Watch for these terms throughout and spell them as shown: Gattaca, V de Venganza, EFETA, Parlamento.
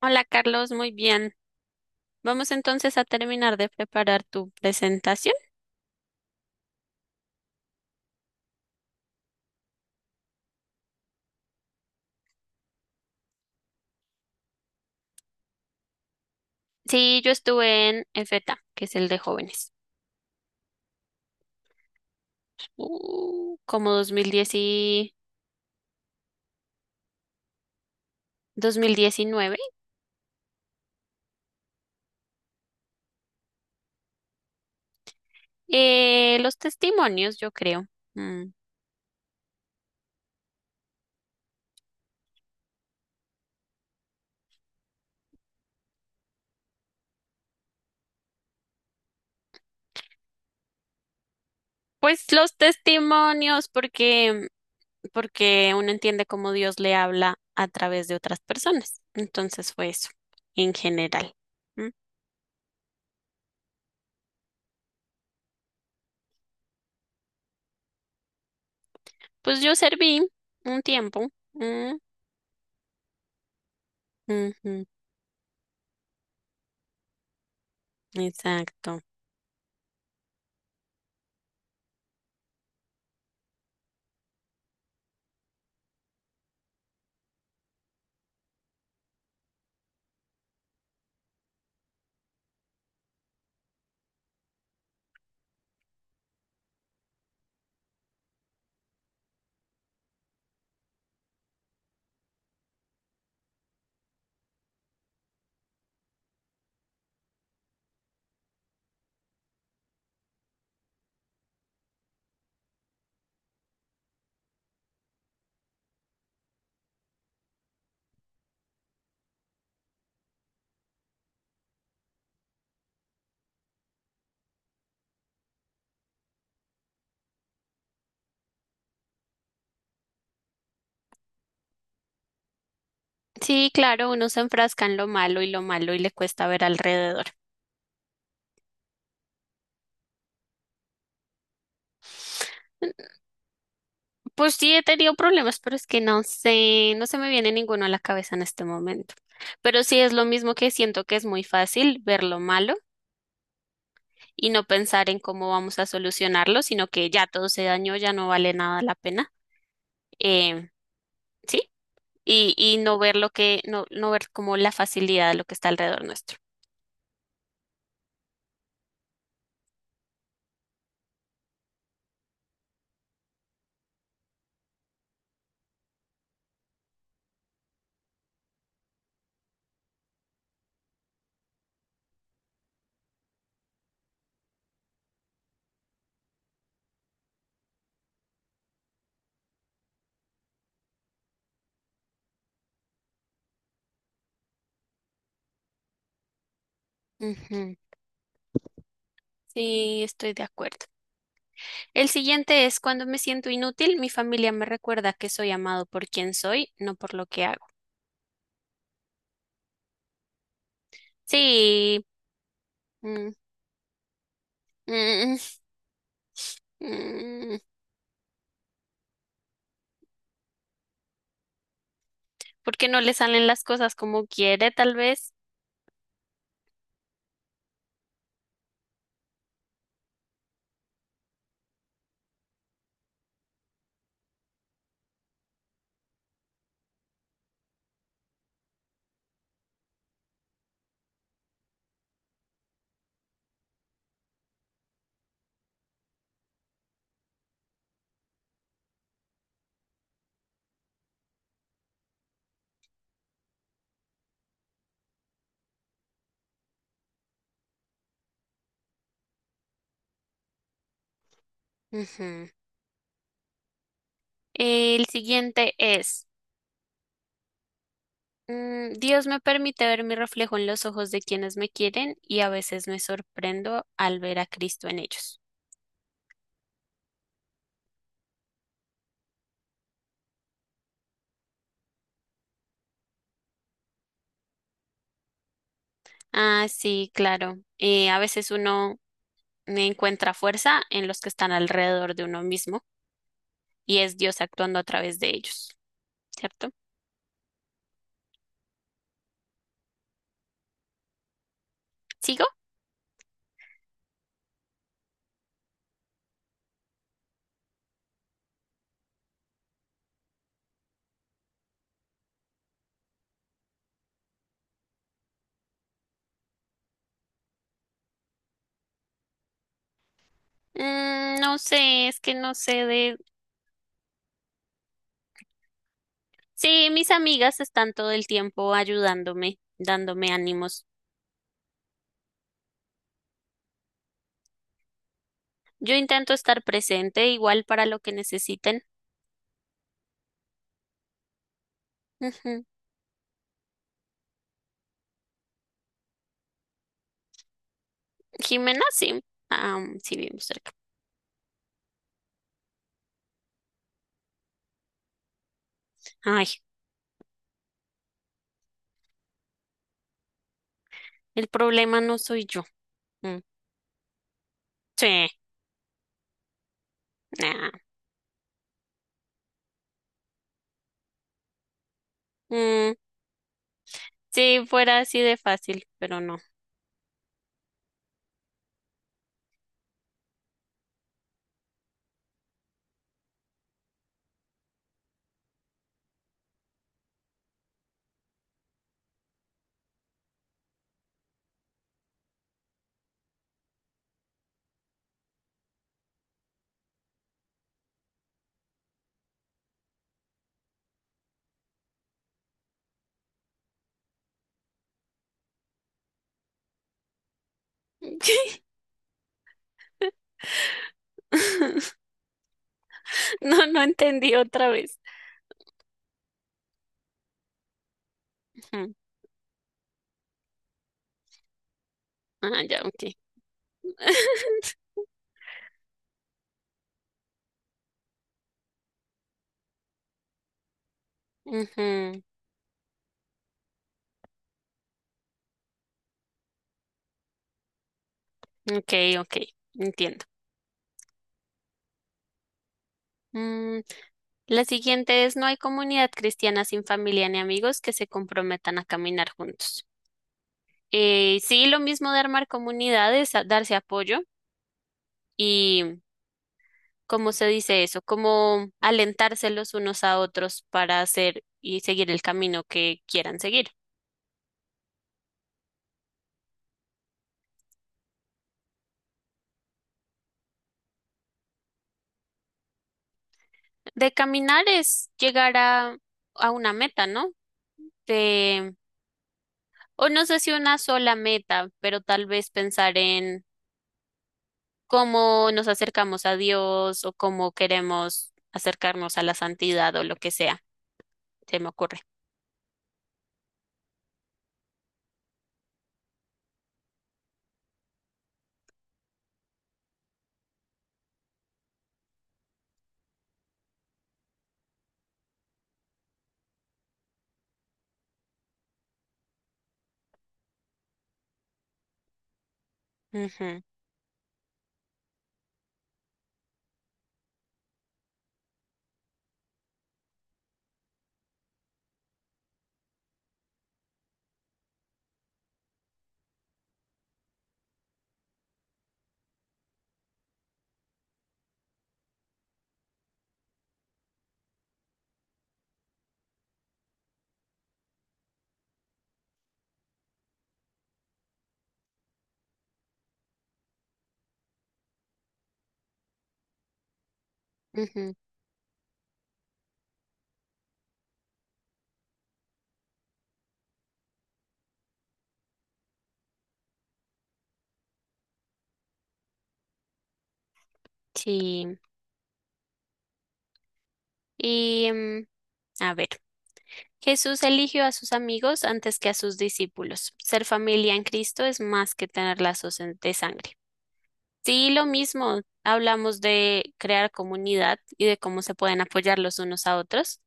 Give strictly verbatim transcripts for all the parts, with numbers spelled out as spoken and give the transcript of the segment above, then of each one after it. Hola Carlos, muy bien. Vamos entonces a terminar de preparar tu presentación. Sí, yo estuve en EFETA, que es el de jóvenes, uh, como dos mil diez y dos mil diecinueve. Eh, los testimonios, yo creo. Mm. Pues los testimonios, porque, porque uno entiende cómo Dios le habla a través de otras personas. Entonces fue eso, en general. Mm. Pues yo serví un tiempo. Mm. Ujú. Exacto. Sí, claro, uno se enfrasca en lo malo y lo malo y le cuesta ver alrededor. Pues sí, he tenido problemas, pero es que no sé, no se me viene ninguno a la cabeza en este momento. Pero sí es lo mismo que siento, que es muy fácil ver lo malo y no pensar en cómo vamos a solucionarlo, sino que ya todo se dañó, ya no vale nada la pena. Eh, sí, y, y no ver lo que, no, no ver como la facilidad de lo que está alrededor nuestro. Ujú. Sí, estoy de acuerdo. El siguiente es: cuando me siento inútil, mi familia me recuerda que soy amado por quien soy, no por lo que hago. Sí. mm, mm, mm, porque no le salen las cosas como quiere, tal vez. Ujú. El siguiente es, mm, Dios me permite ver mi reflejo en los ojos de quienes me quieren y a veces me sorprendo al ver a Cristo en ellos. Ah, sí, claro. Eh, a veces uno encuentra fuerza en los que están alrededor de uno mismo, y es Dios actuando a través de ellos, ¿cierto? ¿Sigo? Mm, no sé, es que no sé de... Sí, mis amigas están todo el tiempo ayudándome, dándome ánimos. Yo intento estar presente igual para lo que necesiten. Ujú. Jimena, sí. Ah, mm, sí, vivimos cerca. Ay, el problema no soy yo. Mm. Sí, nah. Mm, sí, fuera así de fácil, pero no. No, no entendí otra vez. Ujú. Ah, ya, ok. Ujú. Ok, ok, entiendo. Mm, la siguiente es: no hay comunidad cristiana sin familia ni amigos que se comprometan a caminar juntos. Eh, sí, lo mismo de armar comunidades, a- darse apoyo y, ¿cómo se dice eso? Como alentarse los unos a otros para hacer y seguir el camino que quieran seguir. De caminar es llegar a, a una meta, ¿no? De, o no sé si una sola meta, pero tal vez pensar en cómo nos acercamos a Dios o cómo queremos acercarnos a la santidad o lo que sea, se me ocurre. Ujú. Ujú. Sí. Y mm, a ver, Jesús eligió a sus amigos antes que a sus discípulos. Ser familia en Cristo es más que tener lazos en- de sangre. Sí, lo mismo. Hablamos de crear comunidad y de cómo se pueden apoyar los unos a otros.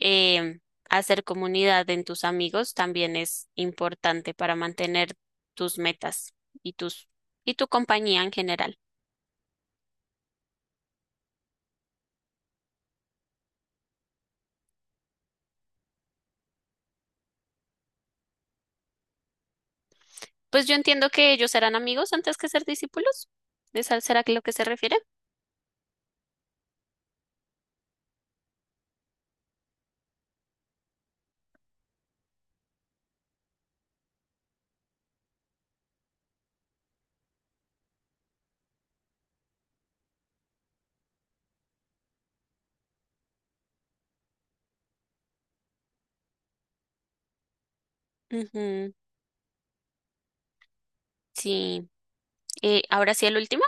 eh, hacer comunidad en tus amigos también es importante para mantener tus metas y tus y tu compañía en general. Pues yo entiendo que ellos serán amigos antes que ser discípulos. ¿Es al- será que lo que se refiere? Ujú. Sí. Eh, ahora sí el último.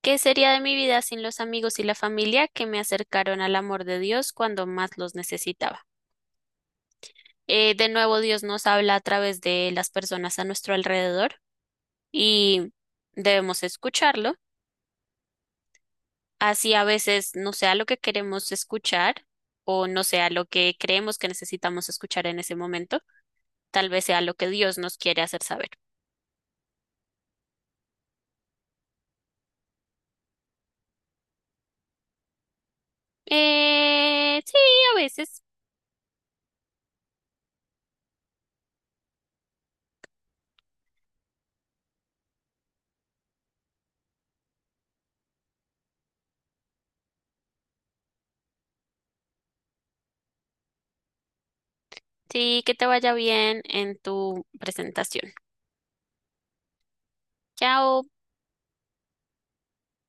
¿Qué sería de mi vida sin los amigos y la familia que me acercaron al amor de Dios cuando más los necesitaba? Eh, de nuevo, Dios nos habla a través de las personas a nuestro alrededor y debemos escucharlo. Así a veces no sea lo que queremos escuchar o no sea lo que creemos que necesitamos escuchar en ese momento, tal vez sea lo que Dios nos quiere hacer saber. Eh, sí, a veces. Sí, que te vaya bien en tu presentación. Chao.